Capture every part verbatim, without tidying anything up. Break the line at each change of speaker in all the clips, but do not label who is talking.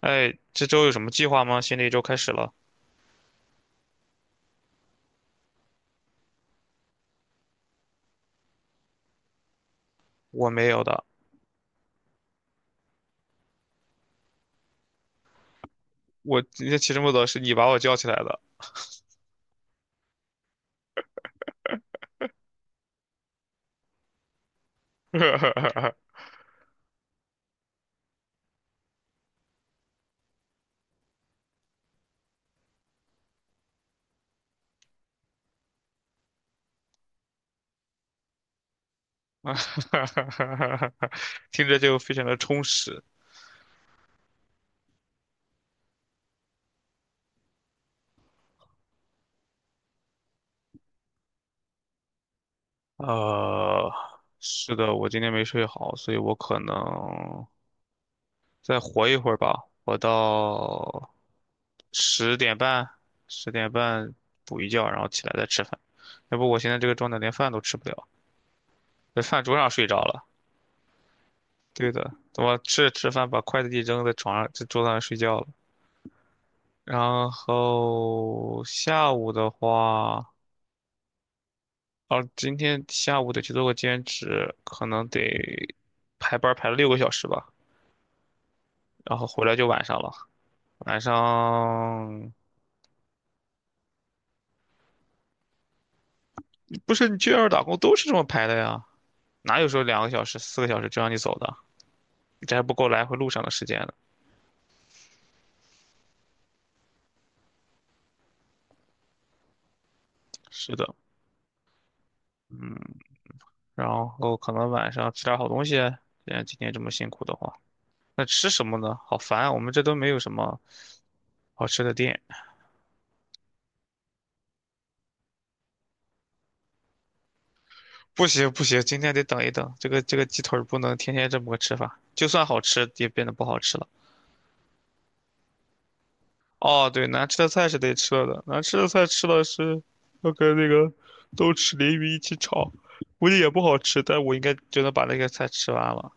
哎，这周有什么计划吗？新的一周开始了，我没有的。我今天起这么早是你把我叫起来的，听着就非常的充实。呃，是的，我今天没睡好，所以我可能再活一会儿吧，活到十点半，十点半补一觉，然后起来再吃饭。要不我现在这个状态连饭都吃不了，在饭桌上睡着了。对的，我吃着吃饭把筷子一扔在床上，在桌子上睡觉了。然后下午的话，哦，今天下午得去做个兼职，可能得排班儿排了六个小时吧，然后回来就晚上了。晚上不是你去外边打工都是这么排的呀，哪有说两个小时、四个小时就让你走的？这还不够来回路上的时间呢。是的，嗯，然后可能晚上吃点好东西，既然今天这么辛苦的话。那吃什么呢？好烦啊，我们这都没有什么好吃的店。不行不行，今天得等一等，这个这个鸡腿儿不能天天这么个吃法，就算好吃也变得不好吃了。哦，对，难吃的菜是得吃了的，难吃的菜吃了是要跟那个豆豉鲮鱼一起炒，估计也不好吃，但我应该就能把那个菜吃完了。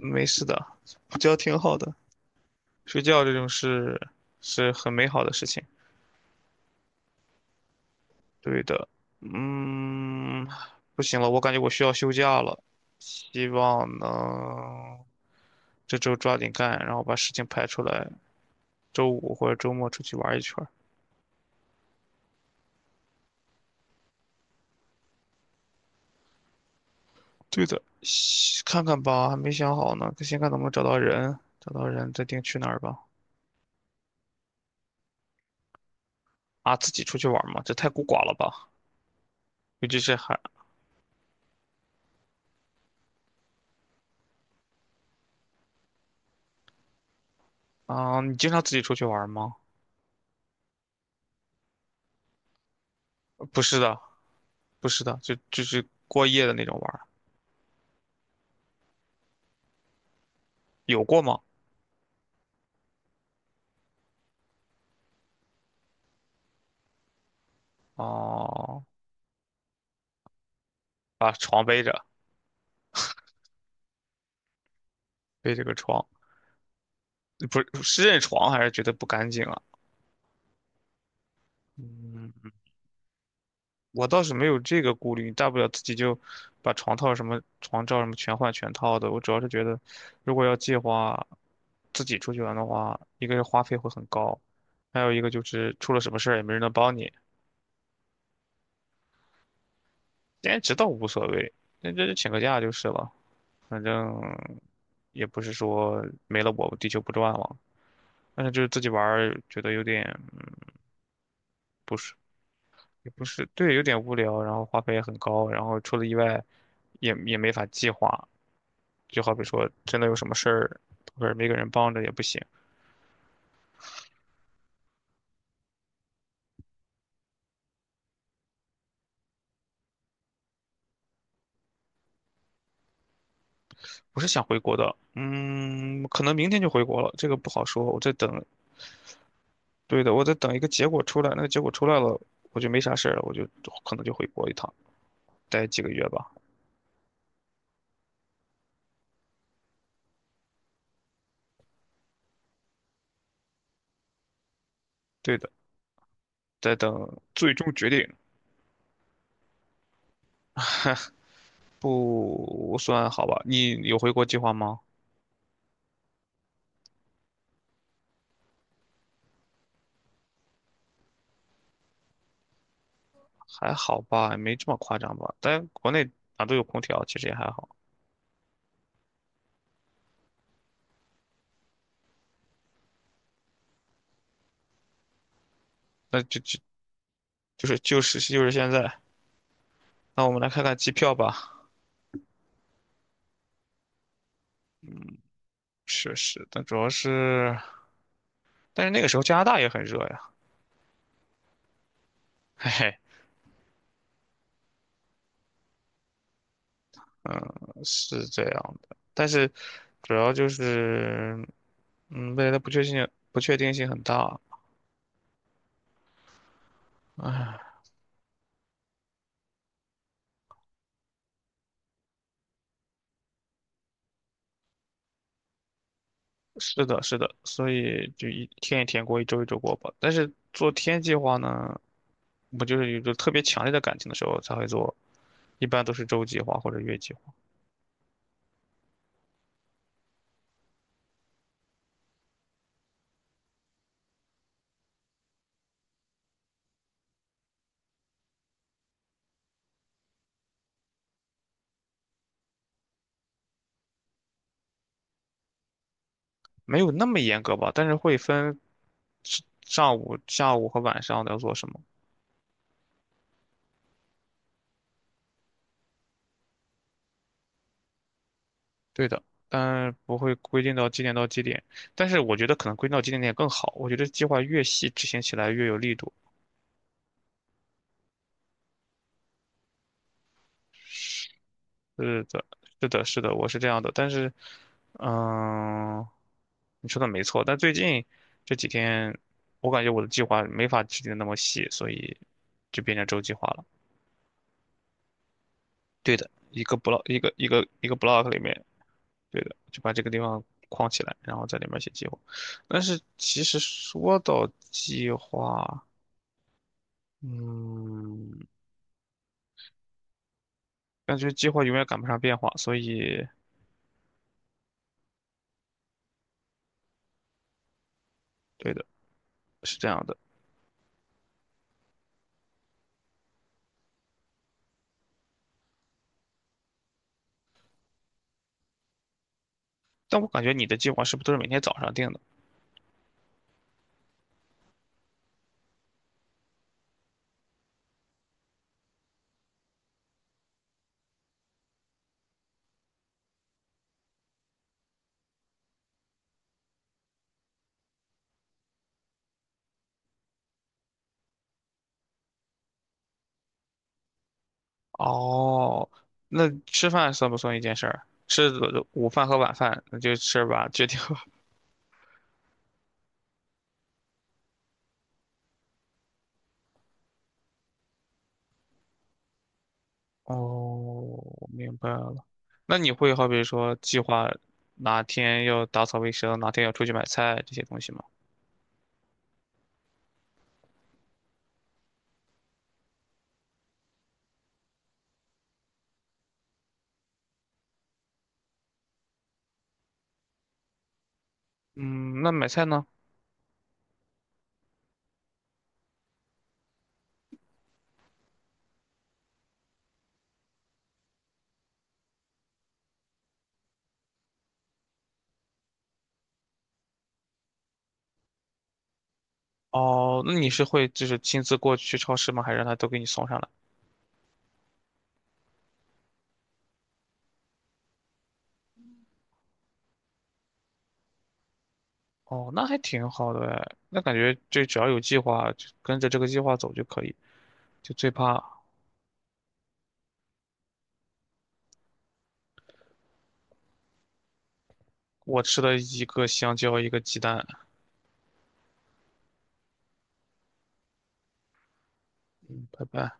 没事的，补觉挺好的，睡觉这种事是很美好的事情。对的，嗯，不行了，我感觉我需要休假了，希望能这周抓紧干，然后把事情排出来，周五或者周末出去玩一圈儿。对的，西看看吧，还没想好呢，先看能不能找到人，找到人再定去哪儿吧。啊，自己出去玩儿吗？这太孤寡了吧？尤其是还啊，你经常自己出去玩儿吗？不是的，不是的，就就是过夜的那种玩儿有过吗？哦，把床背着，背着个床。不是是认床还是觉得不干净啊？嗯，我倒是没有这个顾虑，大不了自己就把床套什么、床罩什么全换全套的。我主要是觉得，如果要计划自己出去玩的话，一个是花费会很高，还有一个就是出了什么事儿也没人能帮你。兼职倒无所谓，那这就请个假就是了，反正也不是说没了我地球不转了。但是就是自己玩儿觉得有点不也不是，对，有点无聊，然后花费也很高，然后出了意外也也没法计划，就好比说真的有什么事儿，或者没个人帮着也不行。我是想回国的，嗯，可能明天就回国了，这个不好说，我在等，对的，我在等一个结果出来，那个结果出来了，我就没啥事儿了，我就可能就回国一趟，待几个月吧，对的，在等最终决定，不算好吧？你有回国计划吗？还好吧，没这么夸张吧？但国内哪都有空调，其实也还好。那就就就是就是就是现在。那我们来看看机票吧。确实，但主要是，但是那个时候加拿大也很热呀。嘿嘿，嗯，是这样的。但是主要就是，嗯，未来的不确定性不确定性很大。唉，是的，是的，所以就一天一天过，一周一周过吧。但是做天计划呢，我就是有着特别强烈的感情的时候才会做，一般都是周计划或者月计划。没有那么严格吧，但是会分是上午、下午和晚上要做什么。对的，但不会规定到几点到几点。但是我觉得可能归到几点点更好。我觉得计划越细，执行起来越有力度。是的，是的，是的，我是这样的。但是，嗯，你说的没错。但最近这几天，我感觉我的计划没法制定的那么细，所以就变成周计划了。对的，一个 block 一个一个一个 block 里面对的，就把这个地方框起来，然后在里面写计划。但是其实说到计划，嗯，感觉计划永远赶不上变化，所以对的，是这样的。但我感觉你的计划是不是都是每天早上定的？哦，那吃饭算不算一件事儿？吃的午饭和晚饭，那就吃吧，决定吧。哦，明白了。那你会好比说计划哪天要打扫卫生，哪天要出去买菜这些东西吗？嗯，那买菜呢？哦，那你是会就是亲自过去超市吗？还是让他都给你送上来？哦，那还挺好的哎，那感觉就只要有计划，就跟着这个计划走就可以。就最怕我吃了一个香蕉，一个鸡蛋。拜拜。